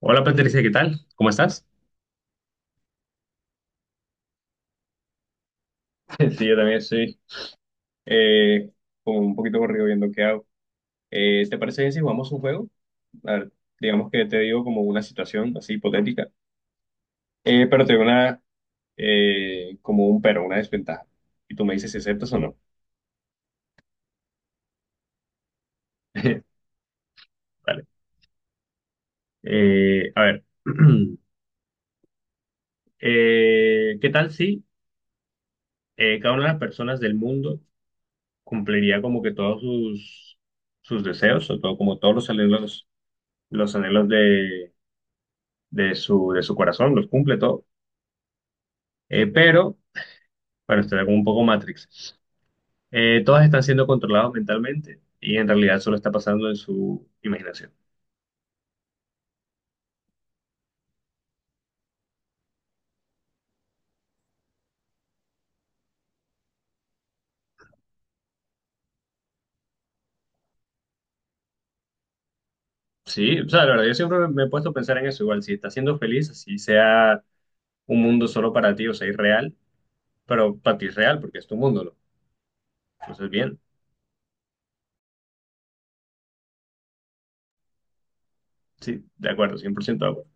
Hola, Patricia, ¿qué tal? ¿Cómo estás? Sí, yo también estoy eh, como un poquito corrido viendo qué hago. ¿ ¿te parece bien si jugamos un juego? A ver, digamos que te digo como una situación así hipotética, pero te digo una, como un pero, una desventaja. Y tú me dices si aceptas o no. Vale. A ver, ¿ ¿qué tal si cada una de las personas del mundo cumpliría como que todos sus deseos o todo, como todos los anhelos de su, de su corazón, los cumple todo. Pero, bueno, está como un poco Matrix. Todas están siendo controladas mentalmente y en realidad solo está pasando en su imaginación. Sí, o sea, la verdad, yo siempre me he puesto a pensar en eso. Igual, si estás siendo feliz, así sea un mundo solo para ti, o sea, irreal, pero para ti es real porque es tu mundo, ¿no? Entonces, bien, sí, de acuerdo, 100% de acuerdo.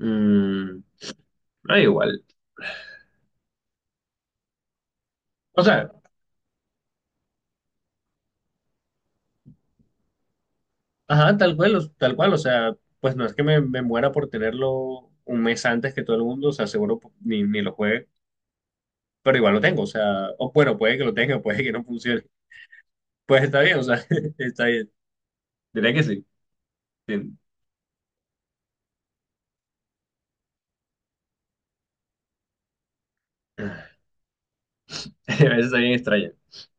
Mm, no, igual. O sea, ajá, tal cual, tal cual, o sea, pues no es que me muera por tenerlo un mes antes que todo el mundo, o sea, seguro ni lo juegue, pero igual lo tengo, o sea, o bueno, puede que lo tenga, puede que no funcione, pues está bien, o sea, está bien, diría que sí, sí. A veces está bien extraña.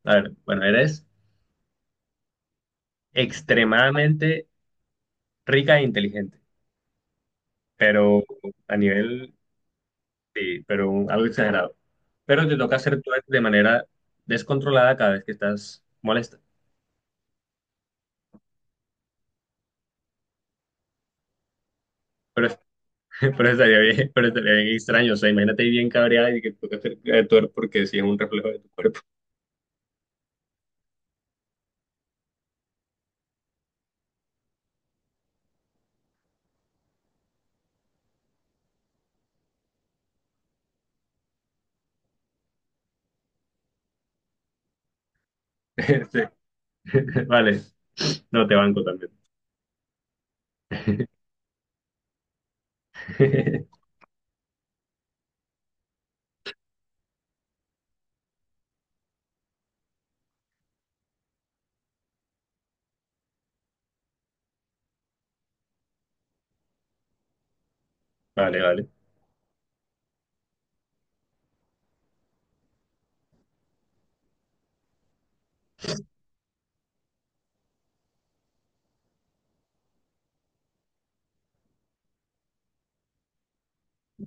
A ver, bueno, eres extremadamente rica e inteligente, pero a nivel, sí, pero algo exagerado, pero te toca hacer tú de manera descontrolada cada vez que estás molesta. Pero estaría bien extraño. O sea, imagínate ahí bien cabreada y que toca cerca de porque sí es un reflejo de tu cuerpo. Sí. Vale, no te banco también. Vale, vale.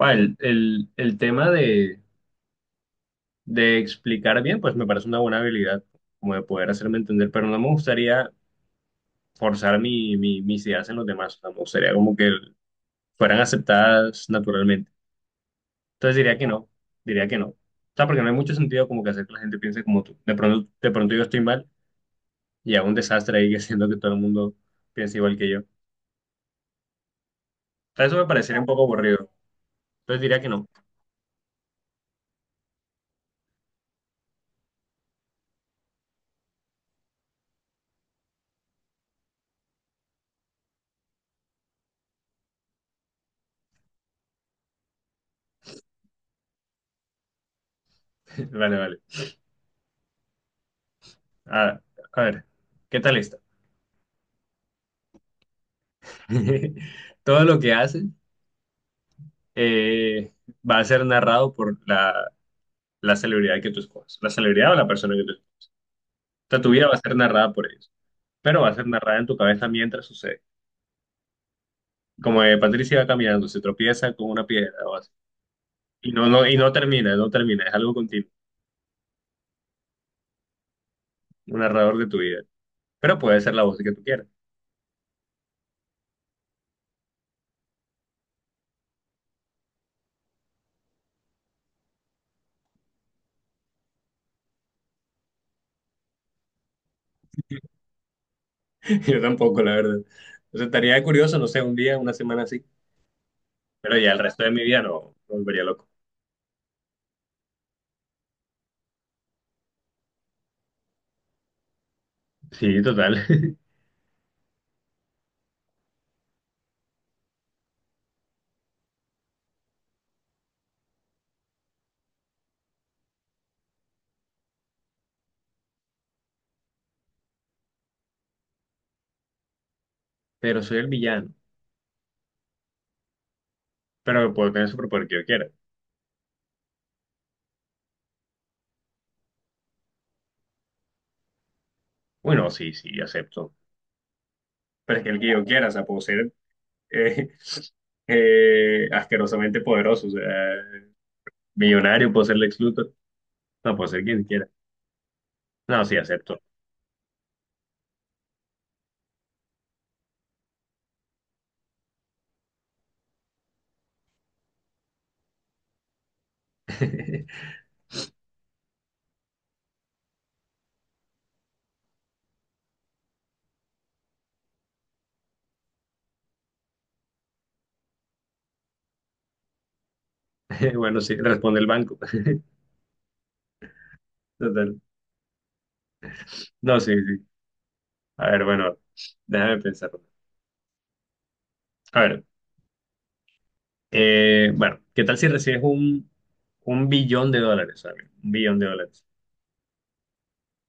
Va, el tema de explicar bien, pues me parece una buena habilidad, como de poder hacerme entender, pero no me gustaría forzar mis ideas en los demás. O sea, me gustaría como que fueran aceptadas naturalmente. Entonces diría que no, diría que no. O sea, porque no hay mucho sentido como que hacer que la gente piense como tú. De pronto yo estoy mal y a un desastre ahí que siento que todo el mundo piense igual que yo. Eso me parecería un poco aburrido. Entonces diría que no. Vale, vale. A, a ver, ¿qué tal esta? Todo lo que haces eh, va a ser narrado por la celebridad que tú escojas, la celebridad o la persona que tú escojas. O sea, tu vida va a ser narrada por ellos, pero va a ser narrada en tu cabeza mientras sucede. Como Patricia va caminando, se tropieza con una piedra o así. Y no termina, no termina, es algo continuo, un narrador de tu vida. Pero puede ser la voz que tú quieras. Yo tampoco, la verdad. Entonces estaría curioso, no sé, un día, una semana así. Pero ya el resto de mi vida no, no me volvería loco. Sí, total. Pero soy el villano. Pero puedo tener el superpoder que yo quiera. Bueno, sí, sí, acepto. Pero es que el que yo quiera, o sea, puedo ser eh, asquerosamente poderoso, o sea, millonario, puedo ser Lex Luthor. No, puedo ser quien quiera. No, sí, acepto. Bueno, sí, responde el banco. Total. No, sí, sí. A ver, bueno, déjame pensar. A ver. Bueno, ¿qué tal si recibes un billón de dólares, ¿sabes? Un billón de dólares.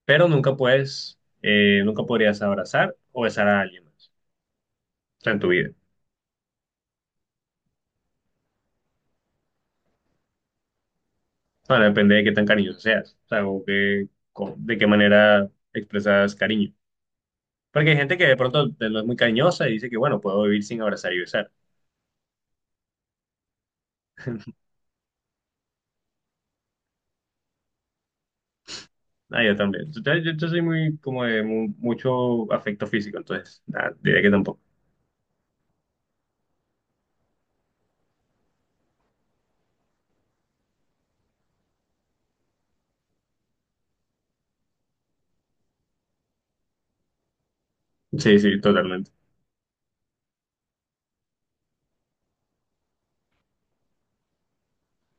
Pero nunca puedes, nunca podrías abrazar o besar a alguien más. O sea, en tu vida. Bueno, depende de qué tan cariñoso seas. O sea, o de qué manera expresas cariño. Porque hay gente que de pronto no es muy cariñosa y dice que, bueno, puedo vivir sin abrazar y besar. Ah, yo también. Entonces, yo soy muy, como de mucho afecto físico, entonces, nada, diría que tampoco. Sí, sí, totalmente.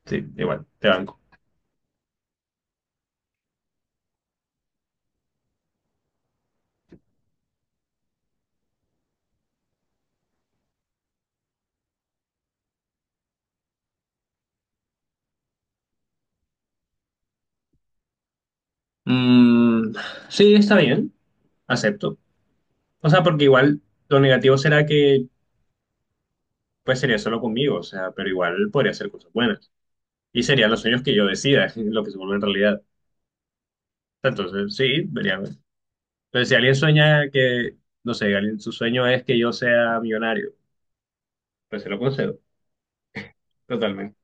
Sí, igual, te banco. Mm, sí, está bien, acepto. O sea, porque igual lo negativo será que pues sería solo conmigo, o sea, pero igual podría ser cosas buenas. Y serían los sueños que yo decida, lo que se vuelve en realidad. Entonces, sí, veríamos. Pero si alguien sueña que, no sé, alguien, su sueño es que yo sea millonario, pues se lo concedo, totalmente.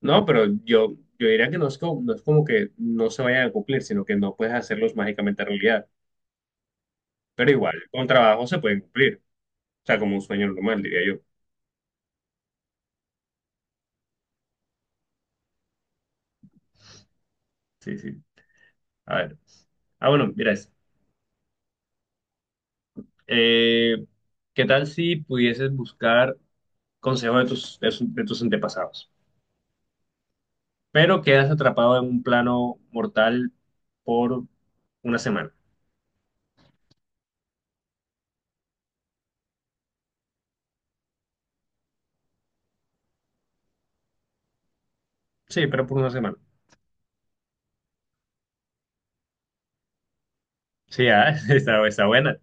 No, pero yo diría que no es como, no es como que no se vayan a cumplir, sino que no puedes hacerlos mágicamente realidad. Pero igual, con trabajo se pueden cumplir. O sea, como un sueño normal, diría yo. Sí, sí. A ver. Ah, bueno, mira esto. Eh, ¿qué tal si pudieses buscar consejos de de tus antepasados, pero quedas atrapado en un plano mortal por una semana? Sí, pero por una semana. Sí, ah, está buena,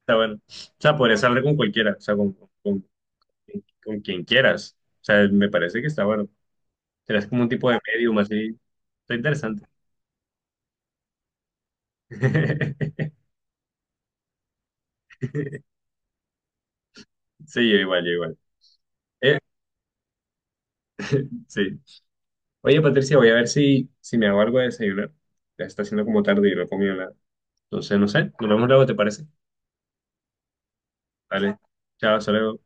está buena. O sea, podrías hablar con cualquiera, o sea, con, con quien quieras. O sea, me parece que está bueno. Serás como un tipo de medium así. Está interesante. Sí, yo igual, yo igual. Eh, sí. Oye, Patricia, voy a ver si me hago algo de desayunar. Ya está haciendo como tarde y no he comido nada. Entonces, no sé, nos vemos luego, ¿te parece? Vale, chao, hasta luego.